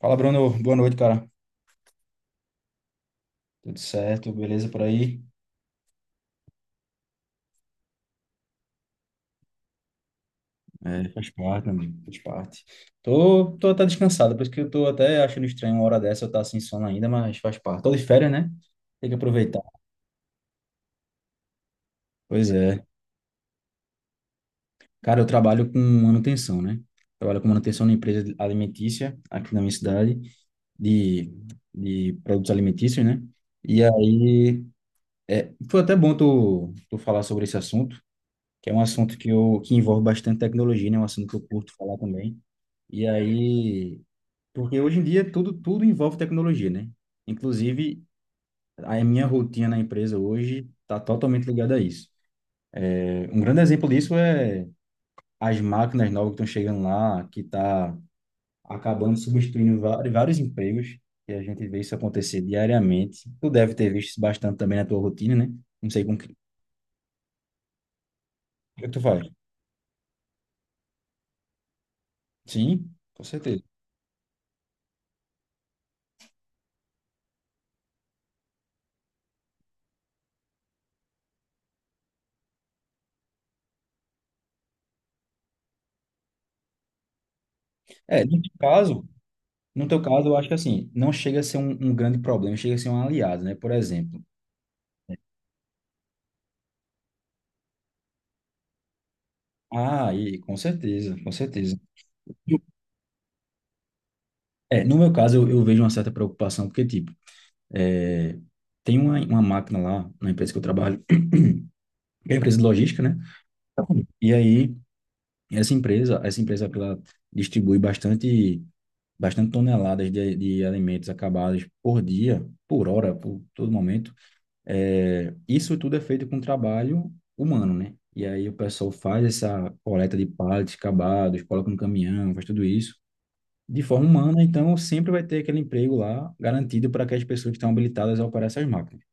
Fala, Bruno. Boa noite, cara. Tudo certo? Beleza por aí? É, faz parte, meu amigo. Faz parte. Tô até descansado, por isso que eu tô até achando estranho uma hora dessa eu estar sem sono ainda, mas faz parte. Tô de férias, né? Tem que aproveitar. Pois é. Cara, eu trabalho com manutenção, né? Trabalho com manutenção na empresa alimentícia aqui na minha cidade, de, de produtos alimentícios, né? E aí, foi até bom tu falar sobre esse assunto, que é um assunto que envolve bastante tecnologia, né? É um assunto que eu curto falar também. E aí, porque hoje em dia tudo envolve tecnologia, né? Inclusive, a minha rotina na empresa hoje está totalmente ligada a isso. Um grande exemplo disso é as máquinas novas que estão chegando lá, que está acabando substituindo vários empregos, e a gente vê isso acontecer diariamente. Tu deve ter visto isso bastante também na tua rotina, né? Não sei com que, o que tu faz. Sim, com certeza. É, no teu caso, no teu caso, eu acho que assim, não chega a ser um grande problema, chega a ser um aliado, né? Por exemplo, ah, e com certeza, com certeza. É, no meu caso, eu vejo uma certa preocupação, porque, tipo, é, tem uma máquina lá na empresa que eu trabalho, que é uma empresa de logística, né? E aí, essa empresa ela distribui bastante, bastante toneladas de alimentos acabados por dia, por hora, por todo momento. É, isso tudo é feito com trabalho humano, né? E aí o pessoal faz essa coleta de pallets acabados, coloca no caminhão, faz tudo isso de forma humana, então sempre vai ter aquele emprego lá garantido para aquelas pessoas que estão habilitadas a operar essas máquinas.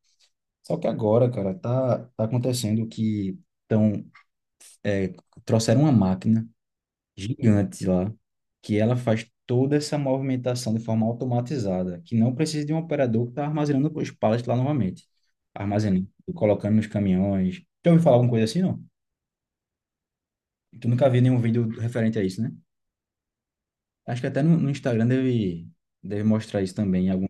Só que agora, cara, tá acontecendo que tão, é, trouxeram uma máquina gigante lá, que ela faz toda essa movimentação de forma automatizada, que não precisa de um operador que está armazenando os pallets lá novamente. Armazenando, colocando nos caminhões. Já ouviu falar alguma coisa assim, não? Tu nunca viu nenhum vídeo referente a isso, né? Acho que até no Instagram deve mostrar isso também em algum.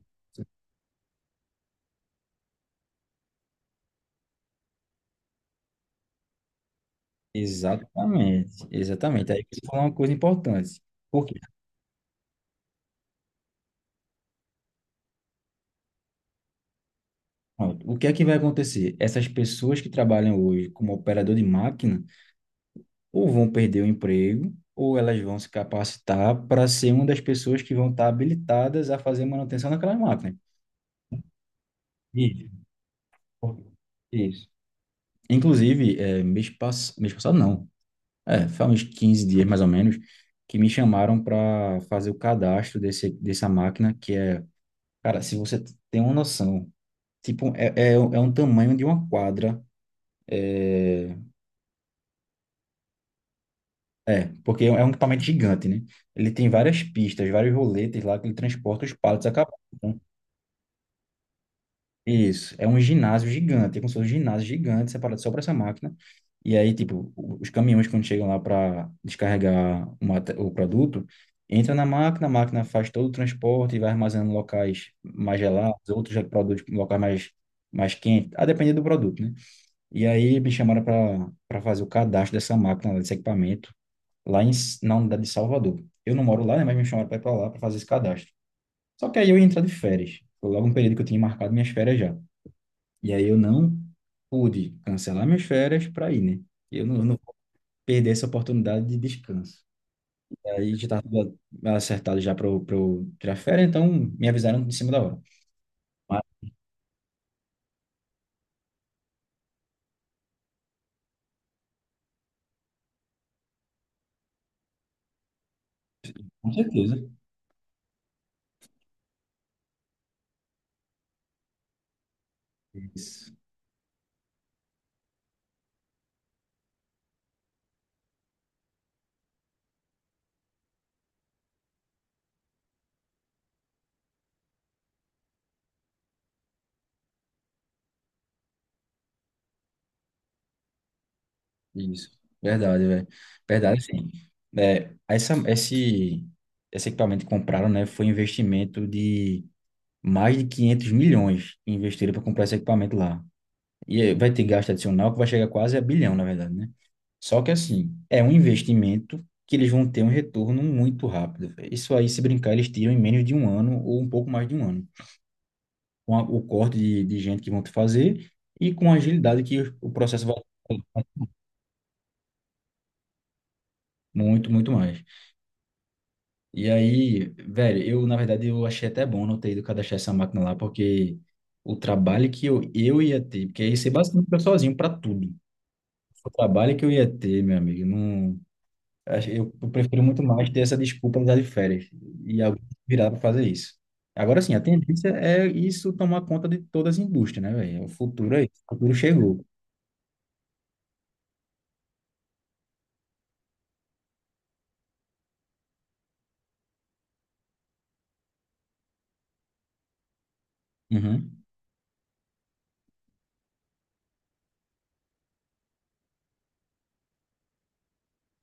Exatamente, exatamente. Aí você falou uma coisa importante. Porque, pronto, o que é que vai acontecer? Essas pessoas que trabalham hoje como operador de máquina ou vão perder o emprego ou elas vão se capacitar para ser uma das pessoas que vão estar habilitadas a fazer manutenção daquela máquina. Isso. Isso. Inclusive, mês passado, não. É, foi há uns 15 dias mais ou menos que me chamaram para fazer o cadastro dessa máquina que é, cara, se você tem uma noção. Tipo, é um tamanho de uma quadra. É, porque é um equipamento gigante, né? Ele tem várias pistas, vários roletes lá que ele transporta os pallets acabados. Então, isso, é um ginásio gigante, é como se fosse um ginásio gigante separado só para essa máquina. E aí, tipo, os caminhões quando chegam lá para descarregar o produto, entra na máquina, a máquina faz todo o transporte e vai armazenando em locais mais gelados, outros produtos em locais mais, mais quentes, a depender do produto, né? E aí me chamaram para fazer o cadastro dessa máquina, desse equipamento, lá em, na unidade de Salvador. Eu não moro lá, né, mas me chamaram para ir para lá para fazer esse cadastro. Só que aí eu ia entrar de férias. Foi logo um período que eu tinha marcado minhas férias já. E aí eu não pude cancelar minhas férias para ir, né? Eu não vou perder essa oportunidade de descanso. E aí já estava tudo acertado já para eu pra eu tirar férias, então me avisaram em cima da hora. Mas, com certeza. Isso. Isso, verdade, velho. Verdade, sim. É, essa, esse, esse equipamento que compraram, né, foi um investimento de mais de 500 milhões que investiram para comprar esse equipamento lá. E vai ter gasto adicional que vai chegar quase a bilhão, na verdade, né? Só que, assim, é um investimento que eles vão ter um retorno muito rápido, velho. Isso aí, se brincar, eles tiram em menos de um ano ou um pouco mais de um ano. Com o corte de gente que vão te fazer e com a agilidade que o processo vai ter. Muito, muito mais. E aí, velho, eu achei até bom não ter ido cadastrar essa máquina lá, porque o trabalho eu ia ter, porque aí você basicamente fica sozinho para tudo. O trabalho que eu ia ter, meu amigo, não, eu prefiro muito mais ter essa desculpa de dar de férias e alguém virar para fazer isso. Agora sim, a tendência é isso tomar conta de todas as indústrias, né, velho? O futuro aí, o futuro chegou. Uhum.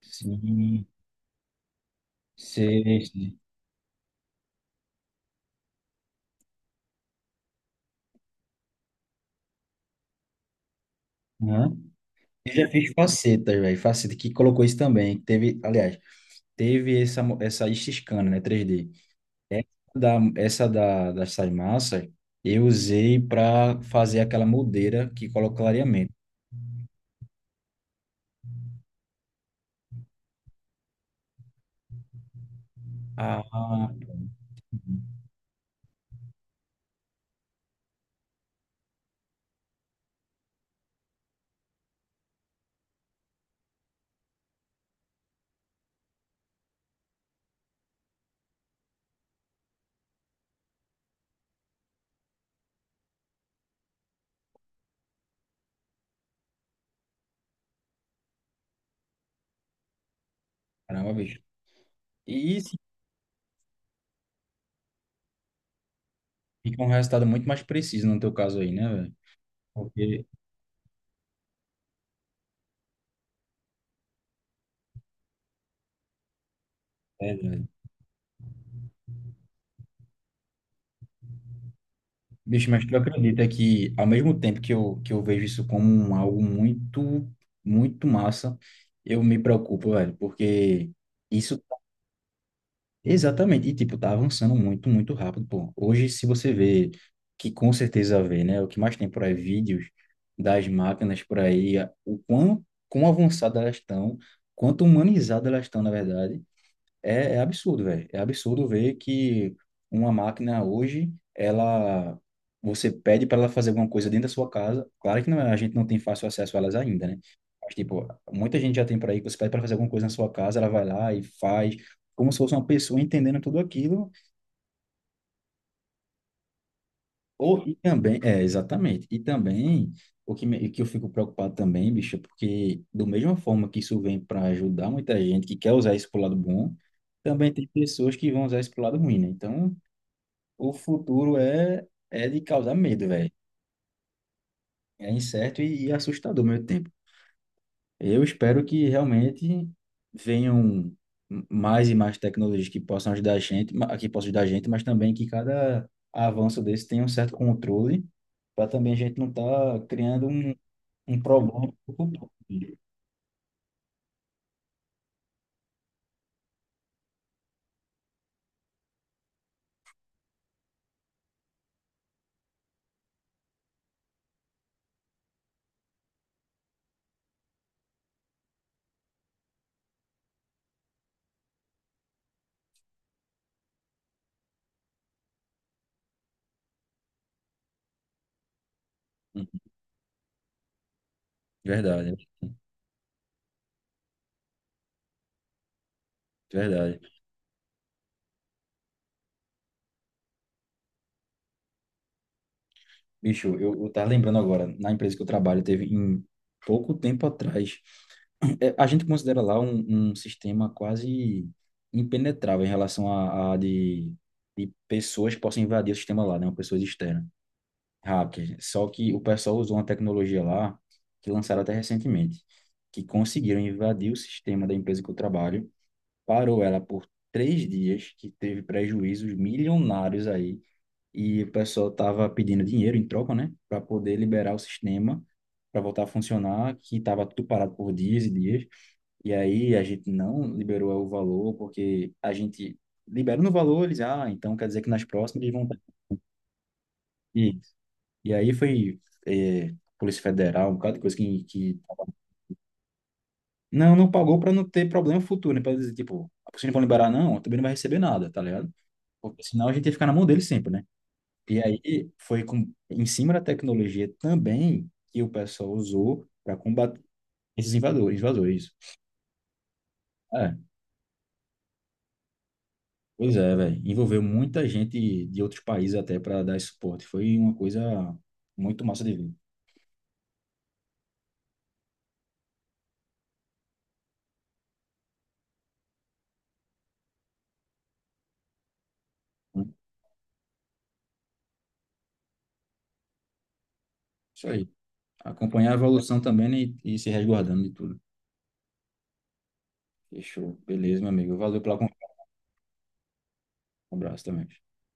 Sim, sei, sei. Uhum. Eu já fiz facetas, velho, faceta que colocou isso também, que teve, aliás, teve essa scan, né, 3D. Dessas massas eu usei para fazer aquela moldeira que coloca o clareamento. Ah, caramba, bicho. E isso fica um resultado muito mais preciso no teu caso aí, né, velho? Porque, é, velho. Bicho, mas tu acredita que ao mesmo tempo que eu vejo isso como algo muito, muito massa, eu me preocupo, velho, porque... Isso exatamente. E, tipo, tá avançando muito, muito rápido, pô. Hoje, se você vê, que com certeza vê, né? O que mais tem por aí, vídeos das máquinas por aí, o quão, quão avançadas elas estão, quanto humanizadas elas estão, na verdade. É, é absurdo, velho. É absurdo ver que uma máquina hoje, ela, você pede para ela fazer alguma coisa dentro da sua casa. Claro que não, a gente não tem fácil acesso a elas ainda, né? Mas, tipo, muita gente já tem por aí que você pede para fazer alguma coisa na sua casa, ela vai lá e faz, como se fosse uma pessoa entendendo tudo aquilo. Ou, e também, é, exatamente. E também, que eu fico preocupado também, bicho, é porque, do mesma forma que isso vem para ajudar muita gente que quer usar isso pro lado bom, também tem pessoas que vão usar isso pro lado ruim, né? Então. O futuro é de causar medo, velho. É incerto e assustador ao mesmo tempo. Eu espero que realmente venham mais e mais tecnologias que possam ajudar a gente, que possam ajudar a gente, mas também que cada avanço desse tenha um certo controle, para também a gente não estar criando um problema pro futuro. Uhum. Verdade, verdade. Bicho, eu tava lembrando agora, na empresa que eu trabalho, teve em pouco tempo atrás, a gente considera lá um sistema quase impenetrável em relação de pessoas que possam invadir o sistema lá, né? Pessoas externas, hackers. Só que o pessoal usou uma tecnologia lá que lançaram até recentemente, que conseguiram invadir o sistema da empresa que eu trabalho, parou ela por 3 dias, que teve prejuízos milionários aí, e o pessoal tava pedindo dinheiro em troca, né? Para poder liberar o sistema, para voltar a funcionar, que estava tudo parado por dias e dias. E aí a gente não liberou o valor, porque a gente liberou no valor, eles, ah, então quer dizer que nas próximas eles vão estar aqui. E aí foi Polícia Federal, um bocado de coisa que... Não, não pagou para não ter problema futuro, né? Para dizer, tipo, se não vão liberar não, também não vai receber nada, tá ligado? Porque senão a gente ia ficar na mão deles sempre, né? E aí foi em cima da tecnologia também que o pessoal usou para combater esses invasores. É. Pois é, velho. Envolveu muita gente de outros países até para dar esse suporte. Foi uma coisa muito massa de ver, né? Isso aí. Acompanhar a evolução também, né, e se resguardando de tudo. Fechou. Beleza, meu amigo. Valeu pela conversa. Um abraço também.